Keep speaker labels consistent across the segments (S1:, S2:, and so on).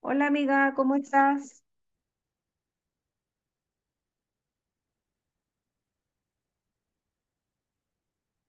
S1: Hola amiga, ¿cómo estás?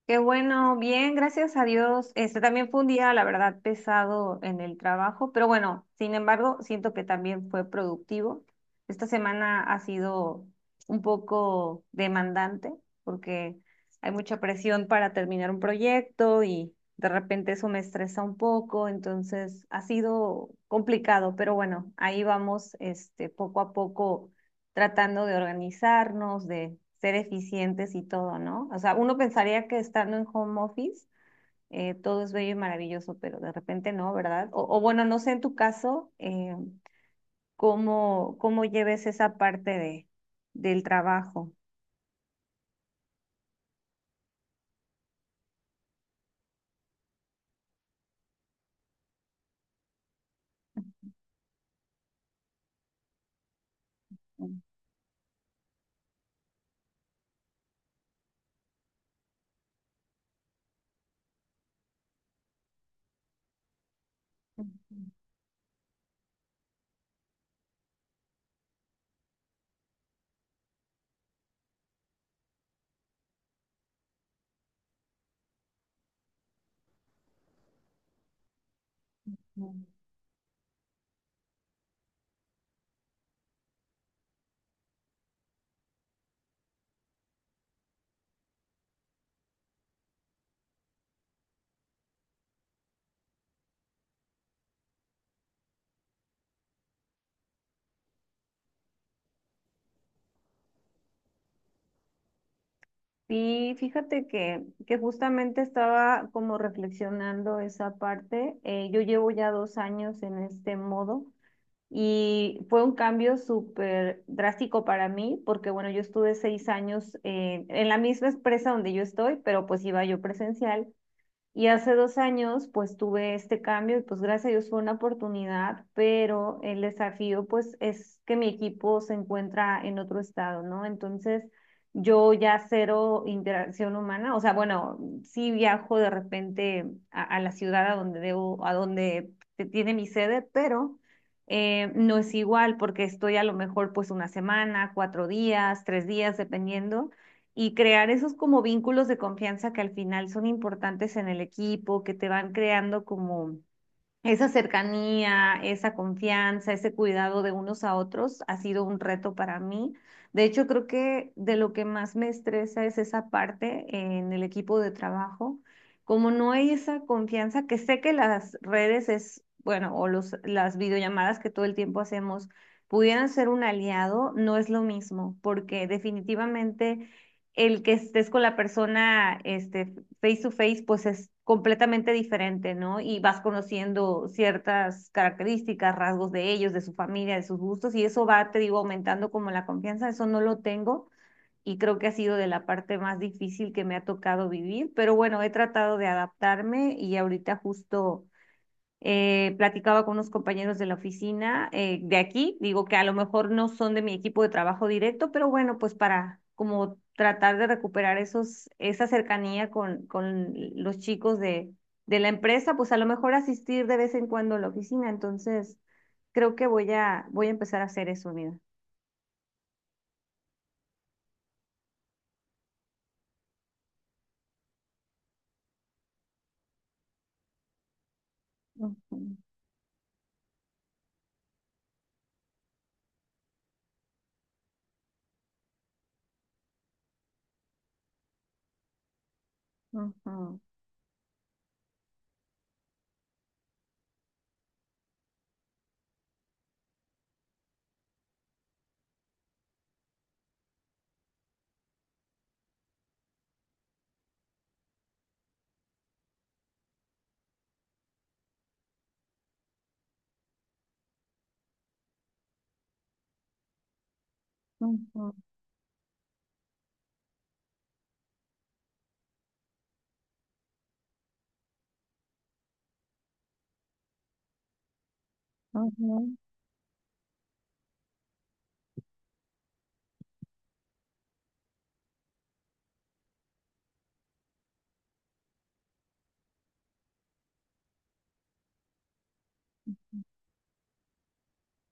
S1: Qué bueno, bien, gracias a Dios. Este también fue un día, la verdad, pesado en el trabajo, pero bueno, sin embargo, siento que también fue productivo. Esta semana ha sido un poco demandante porque hay mucha presión para terminar un proyecto y de repente eso me estresa un poco, entonces ha sido complicado, pero bueno, ahí vamos, este, poco a poco tratando de organizarnos, de ser eficientes y todo, ¿no? O sea, uno pensaría que estando en home office todo es bello y maravilloso, pero de repente no, ¿verdad? O bueno, no sé en tu caso cómo lleves esa parte del trabajo. Sí, fíjate que justamente estaba como reflexionando esa parte. Yo llevo ya 2 años en este modo. Y fue un cambio súper drástico para mí, porque bueno, yo estuve 6 años en la misma empresa donde yo estoy, pero pues iba yo presencial. Y hace 2 años, pues tuve este cambio y pues gracias a Dios fue una oportunidad, pero el desafío pues es que mi equipo se encuentra en otro estado, ¿no? Entonces yo ya cero interacción humana, o sea, bueno, sí viajo de repente a la ciudad a donde debo, a donde tiene mi sede, pero no es igual porque estoy a lo mejor pues una semana, 4 días, 3 días, dependiendo y crear esos como vínculos de confianza que al final son importantes en el equipo, que te van creando como esa cercanía, esa confianza, ese cuidado de unos a otros ha sido un reto para mí. De hecho, creo que de lo que más me estresa es esa parte en el equipo de trabajo. Como no hay esa confianza, que sé que las redes es, bueno, o las videollamadas que todo el tiempo hacemos pudieran ser un aliado, no es lo mismo, porque definitivamente el que estés con la persona, este, face to face, pues es completamente diferente, ¿no? Y vas conociendo ciertas características, rasgos de ellos, de su familia, de sus gustos, y eso va, te digo, aumentando como la confianza, eso no lo tengo y creo que ha sido de la parte más difícil que me ha tocado vivir, pero bueno, he tratado de adaptarme y ahorita justo platicaba con unos compañeros de la oficina de aquí, digo que a lo mejor no son de mi equipo de trabajo directo, pero bueno, pues para como tratar de recuperar esos, esa cercanía con los chicos de la empresa, pues a lo mejor asistir de vez en cuando a la oficina. Entonces, creo que voy a empezar a hacer eso, mira. Ujú, ujú, ujú, ujú,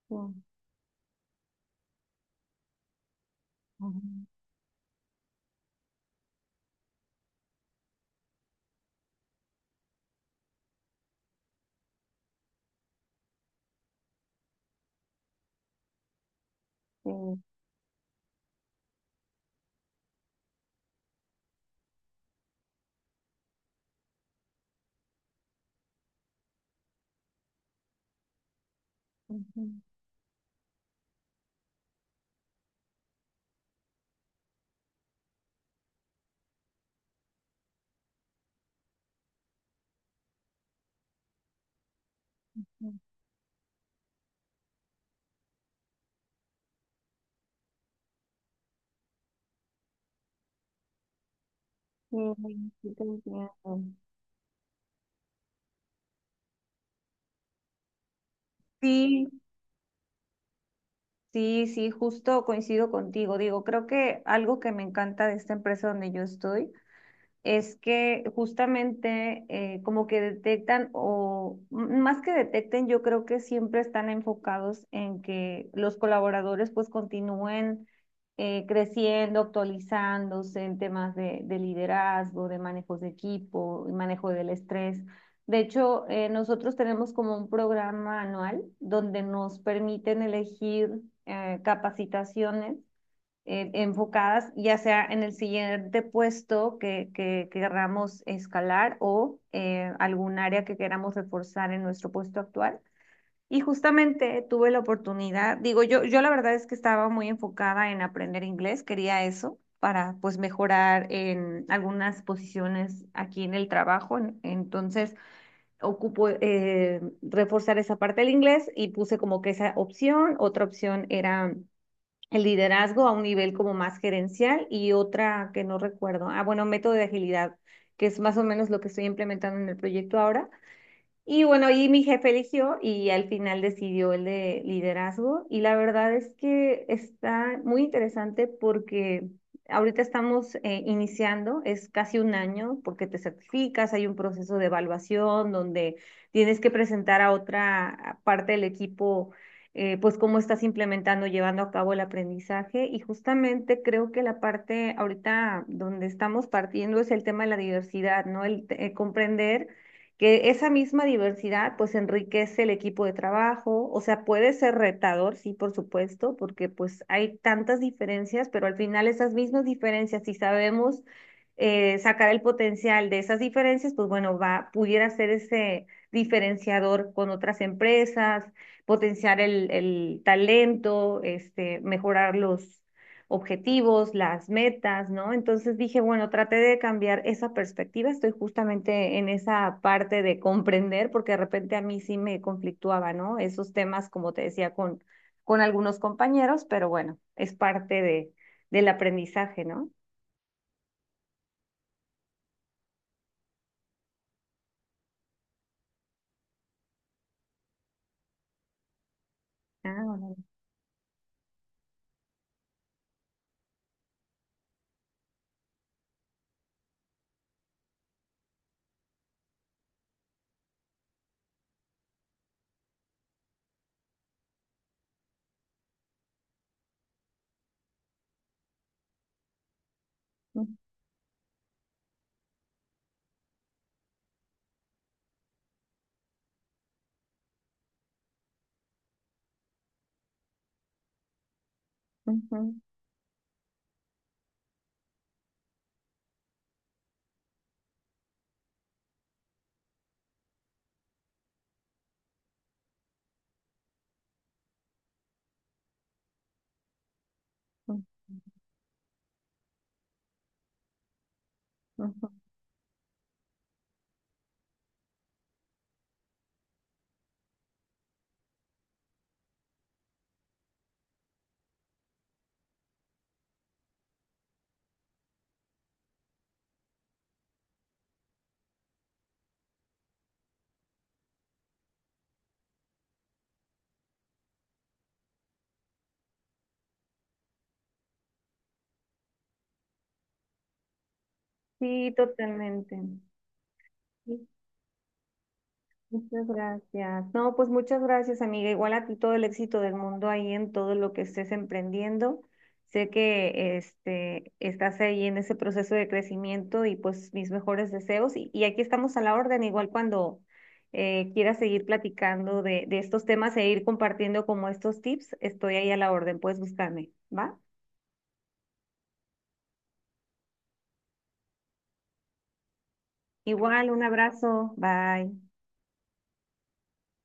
S1: ujú, ujú, sí, ujú, ujú. Sí, sí, te entiendo. Sí, sí, sí, justo coincido contigo. Digo, creo que algo que me encanta de esta empresa donde yo estoy es que justamente como que detectan o más que detecten, yo creo que siempre están enfocados en que los colaboradores pues continúen creciendo, actualizándose en temas de liderazgo, de manejos de equipo, y manejo del estrés. De hecho, nosotros tenemos como un programa anual donde nos permiten elegir capacitaciones enfocadas ya sea en el siguiente puesto que queramos escalar o algún área que queramos reforzar en nuestro puesto actual. Y justamente tuve la oportunidad, digo, yo la verdad es que estaba muy enfocada en aprender inglés, quería eso para pues mejorar en algunas posiciones aquí en el trabajo. Entonces ocupo reforzar esa parte del inglés y puse como que esa opción. Otra opción era el liderazgo a un nivel como más gerencial y otra que no recuerdo. Ah, bueno, método de agilidad, que es más o menos lo que estoy implementando en el proyecto ahora. Y bueno, y mi jefe eligió y al final decidió el de liderazgo. Y la verdad es que está muy interesante porque ahorita estamos iniciando, es casi un año porque te certificas, hay un proceso de evaluación donde tienes que presentar a otra parte del equipo, pues cómo estás implementando, llevando a cabo el aprendizaje. Y justamente creo que la parte ahorita donde estamos partiendo es el tema de la diversidad, ¿no? El comprender que esa misma diversidad pues enriquece el equipo de trabajo, o sea, puede ser retador, sí, por supuesto, porque pues hay tantas diferencias, pero al final esas mismas diferencias, si sabemos sacar el potencial de esas diferencias, pues bueno, va, pudiera ser ese diferenciador con otras empresas, potenciar el talento, este, mejorar los objetivos, las metas, ¿no? Entonces dije, bueno, traté de cambiar esa perspectiva, estoy justamente en esa parte de comprender, porque de repente a mí sí me conflictuaba, ¿no? Esos temas, como te decía, con algunos compañeros, pero bueno, es parte de, del aprendizaje, ¿no? Ah, órale. Ujú, ujú, ujú. Sí, totalmente. Sí. Muchas gracias. No, pues muchas gracias, amiga. Igual a ti todo el éxito del mundo ahí en todo lo que estés emprendiendo. Sé que este estás ahí en ese proceso de crecimiento y pues mis mejores deseos. Y aquí estamos a la orden, igual cuando quieras seguir platicando de estos temas e ir compartiendo como estos tips, estoy ahí a la orden. Puedes buscarme, ¿va? Igual, un abrazo. Bye.